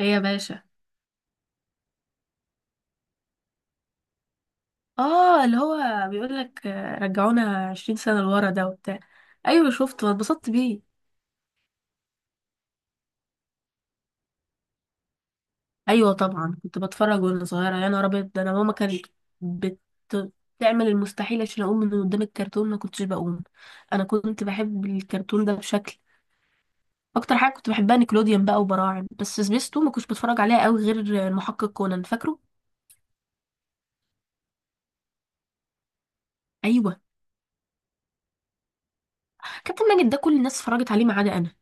ايه يا باشا. اه، اللي هو بيقول لك رجعونا 20 سنة لورا ده وبتاع. ايوه شفته واتبسطت بيه. ايوه طبعا كنت بتفرج وانا صغيرة، يا نهار ابيض ده، انا ماما كانت بت- بتعمل المستحيل عشان اقوم من قدام الكرتون، ما كنتش بقوم. انا كنت بحب الكرتون ده بشكل. اكتر حاجة كنت بحبها نيكلوديان بقى وبراعم، بس سبيستو ما كنتش بتفرج عليها قوي غير المحقق كونان، فاكره. ايوه، كابتن ماجد ده كل الناس اتفرجت عليه ما عدا انا.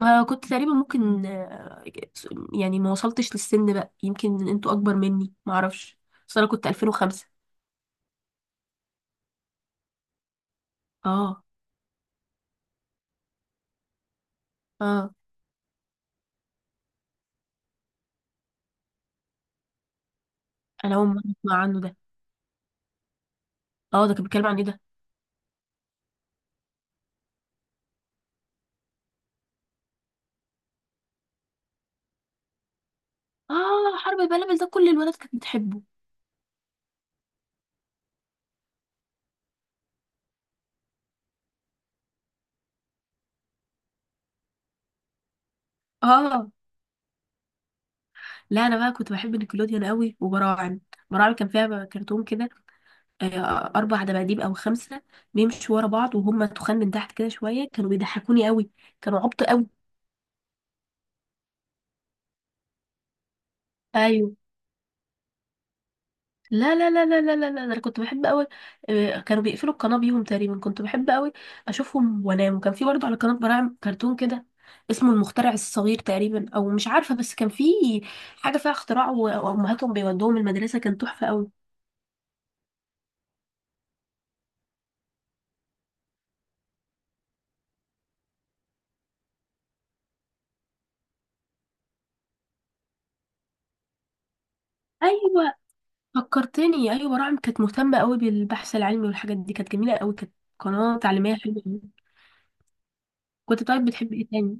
ما كنت تقريبا ممكن، يعني ما وصلتش للسن بقى، يمكن انتوا اكبر مني، ما اعرفش. بس انا كنت 2005. اه اه. انا اول مره اسمع عنه ده. اه، ده كان بيتكلم عن ايه ده؟ اه، حرب البلبل ده كل الولاد كانت بتحبه. اه لا، انا بقى كنت بحب نيكلوديان قوي وبراعم. براعم كان فيها كرتون كده، آه، اربع دباديب او خمسه، بيمشوا ورا بعض وهم تخان من تحت كده شويه، كانوا بيضحكوني قوي، كانوا عبط قوي. ايوه. لا لا لا لا لا لا لا، ده انا كنت بحب قوي. كانوا بيقفلوا القناه بيهم تقريبا، كنت بحب قوي اشوفهم وانام. وكان في برضه على قناه براعم كرتون كده اسمه المخترع الصغير تقريبا، او مش عارفه، بس كان في حاجه فيها اختراع، وامهاتهم بيودوهم المدرسه، كان تحفه قوي. ايوه فكرتني، ايوه براعم كانت مهتمه قوي بالبحث العلمي والحاجات دي، كانت جميله قوي، كانت قناه تعليميه حلوه قوي. كنت طيب، بتحب ايه تاني؟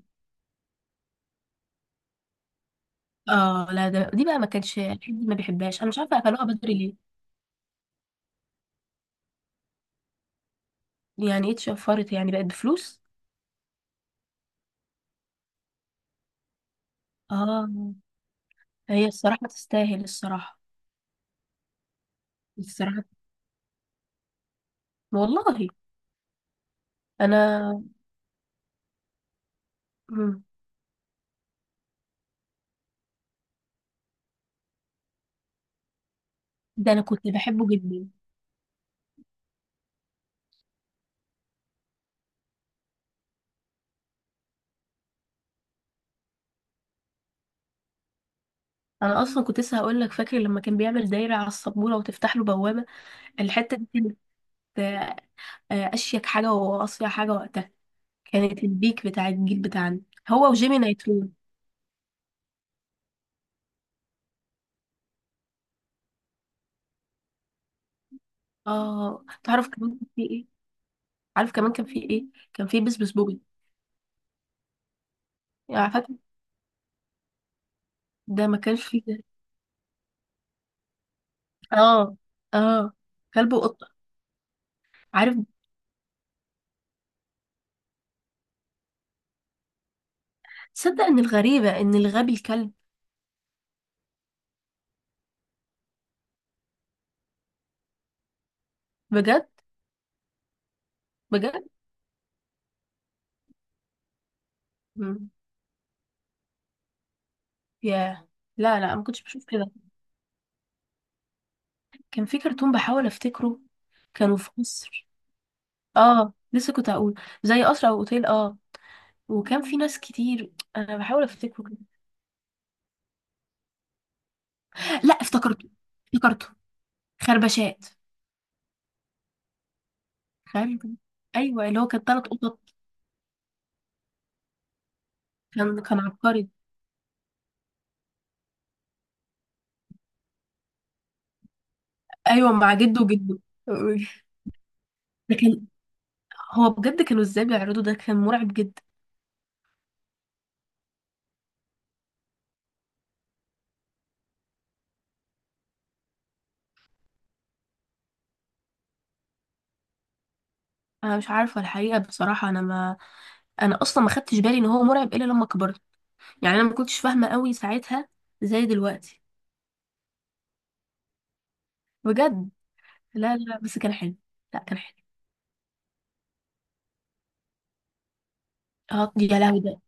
اه لا، ده دي بقى ما كانش حد ما بيحبهاش، انا مش عارفه قفلوها بدري ليه. يعني ايه اتشفرت؟ يعني بقت بفلوس؟ اه. هي الصراحة تستاهل الصراحة. الصراحة والله. انا. مم. ده انا كنت بحبه جدا. انا اصلا كنت لسه هقول لك، فاكر لما كان بيعمل دايرة على السبورة وتفتح له بوابة؟ الحتة دي كانت آه، اشيك حاجة واصيع حاجة وقتها. كانت البيك بتاع الجيل بتاعنا، هو وجيمي نيترون. اه، تعرف كمان كان في ايه؟ عارف كمان كان في ايه؟ كان في بسبس بوبي. يعني فاكر؟ ده ما كانش فيه ده؟ اه اه، كلب وقطة. عارف، تصدق ان الغريبة ان الغبي الكلب. بجد؟ بجد؟ مم. ياه. لا لا، ما كنتش بشوف كده. كان في كرتون بحاول افتكره، كانوا في مصر. اه لسه كنت هقول، زي قصر او اوتيل، اه. وكان في ناس كتير، انا بحاول افتكره كده. لا افتكرته، افتكرته. خربشات. خرب ايوه، اللي هو كان ثلاث قطط. كان عبقري. ايوه، مع جده وجده. ده كان، هو بجد كانوا ازاي بيعرضوا ده؟ كان مرعب جدا. انا مش عارفه الحقيقه بصراحه، انا اصلا ما خدتش بالي ان هو مرعب الا لما كبرت. يعني انا ما كنتش فاهمه قوي ساعتها زي دلوقتي. بجد؟ لا لا، بس كان حلو. لا كان حلو. اه يا لهوي ده.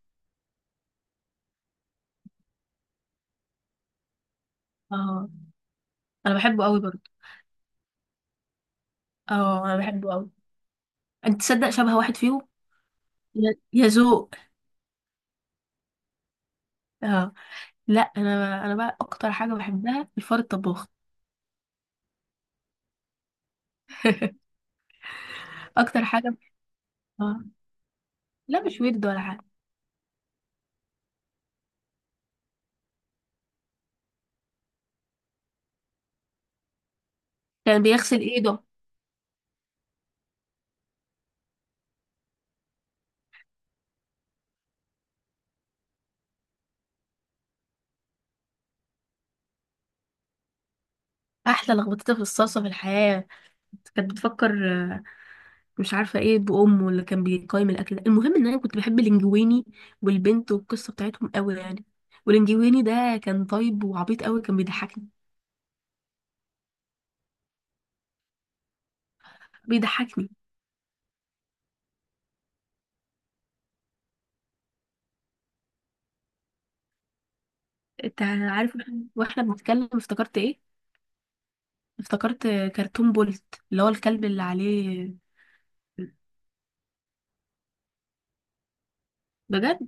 اه انا بحبه قوي برضه. اه انا بحبه قوي. انت تصدق شبه واحد فيهم، يا ذوق. اه لا، انا بقى اكتر حاجه بحبها الفار الطباخ. اكتر حاجه. اه. لا مش ويرد ولا حاجه. كان بيغسل ايده. احلى لخبطتها في الصلصه في الحياه، كانت بتفكر. مش عارفه ايه بامه اللي كان بيقيم الاكل ده، المهم ان انا كنت بحب الانجويني والبنت والقصه بتاعتهم قوي يعني. والانجويني ده كان طيب وعبيط قوي، كان بيضحكني. بيضحكني. انت عارف، واحنا بنتكلم افتكرت ايه. افتكرت كرتون بولت، اللي هو الكلب اللي عليه. بجد؟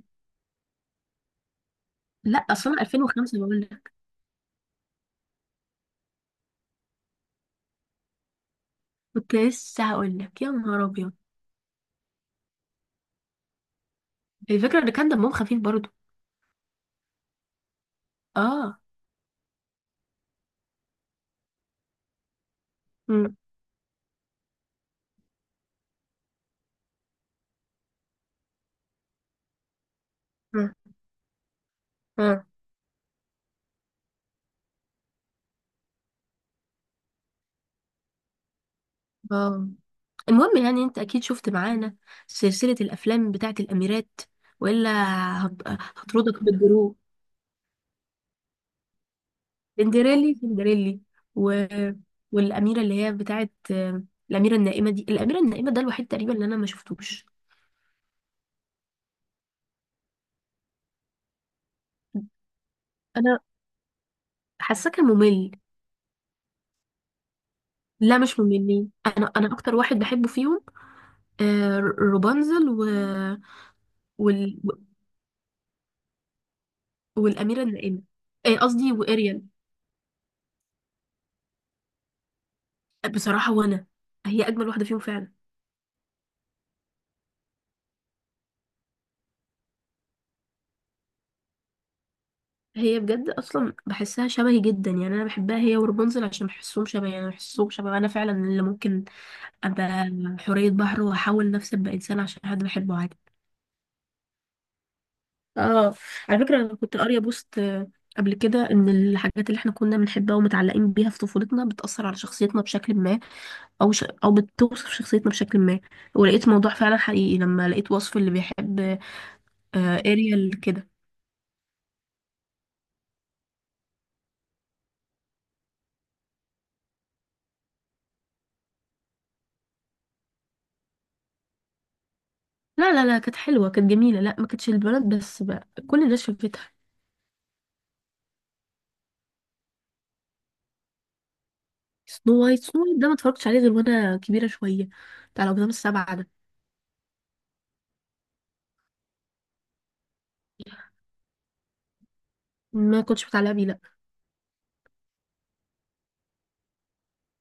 لا اصلا أنا 2005 بقول لك. كنت لسه هقول لك، يا نهار ابيض. الفكره ان كان دمهم خفيف برضو. اه. امم اه، المهم يعني، انت اكيد شفت معانا سلسلة الافلام بتاعت الاميرات، والا هطردك بالجروح. سندريلي سندريلي، و... والاميرة اللي هي بتاعت الاميرة النائمة دي. الاميرة النائمة ده الوحيد تقريبا اللي انا ما شفتوش. انا حاساه كان ممل. لا مش مملين، انا اكتر واحد بحبه فيهم روبانزل وال... والاميرة النائمة، قصدي واريال. بصراحة وانا، هي اجمل واحدة فيهم فعلا. هي بجد اصلا بحسها شبهي جدا، يعني انا بحبها هي ورابنزل عشان بحسهم شبهي، انا فعلا اللي ممكن ابقى حورية بحر واحاول نفسي ابقى انسان عشان حد بحبه عادي. اه. على فكرة انا كنت قارية بوست قبل كده ان الحاجات اللي احنا كنا بنحبها ومتعلقين بيها في طفولتنا بتأثر على شخصيتنا بشكل ما، او بتوصف شخصيتنا بشكل ما. ولقيت موضوع فعلا حقيقي لما لقيت وصف اللي بيحب اريال كده. لا لا لا، كانت حلوة، كانت جميلة، لا ما كانتش البنات بس بقى، كل الناس شافتها. سنو وايت. سنو وايت ده ما اتفرجتش عليه غير وانا كبيرة شوية، بتاع الأقزام السبعة ده. ما كنتش متعلقة بيه، لا.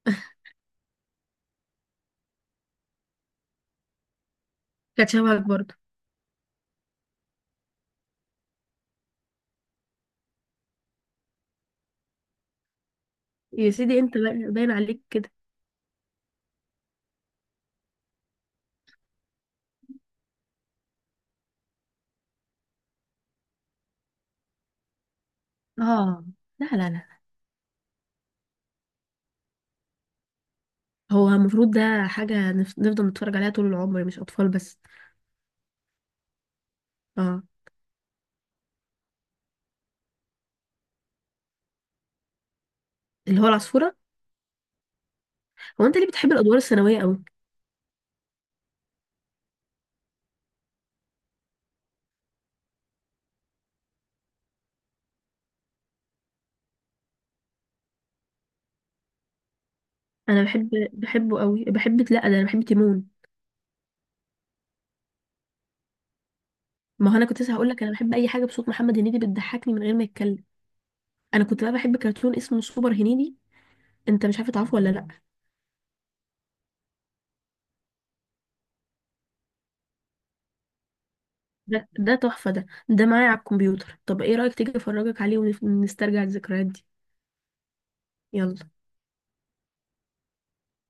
كانت شبهك برضه. يا سيدي، انت باين عليك كده. اه لا لا لا. هو المفروض ده حاجة نفضل نتفرج عليها طول العمر، مش أطفال بس. اه، اللي هو العصفورة. هو انت ليه بتحب الأدوار الثانوية قوي؟ انا بحب بحبه قوي بحب لا ده انا بحب تيمون. ما هو انا كنت لسه هقول لك، انا بحب اي حاجة بصوت محمد هنيدي، بتضحكني من غير ما يتكلم. انا كنت بقى بحب كرتون اسمه سوبر هنيدي، انت مش عارفه تعرفه ولا لا؟ ده تحفة، ده معايا على الكمبيوتر، طب ايه رأيك تيجي افرجك عليه ونسترجع الذكريات دي؟ يلا.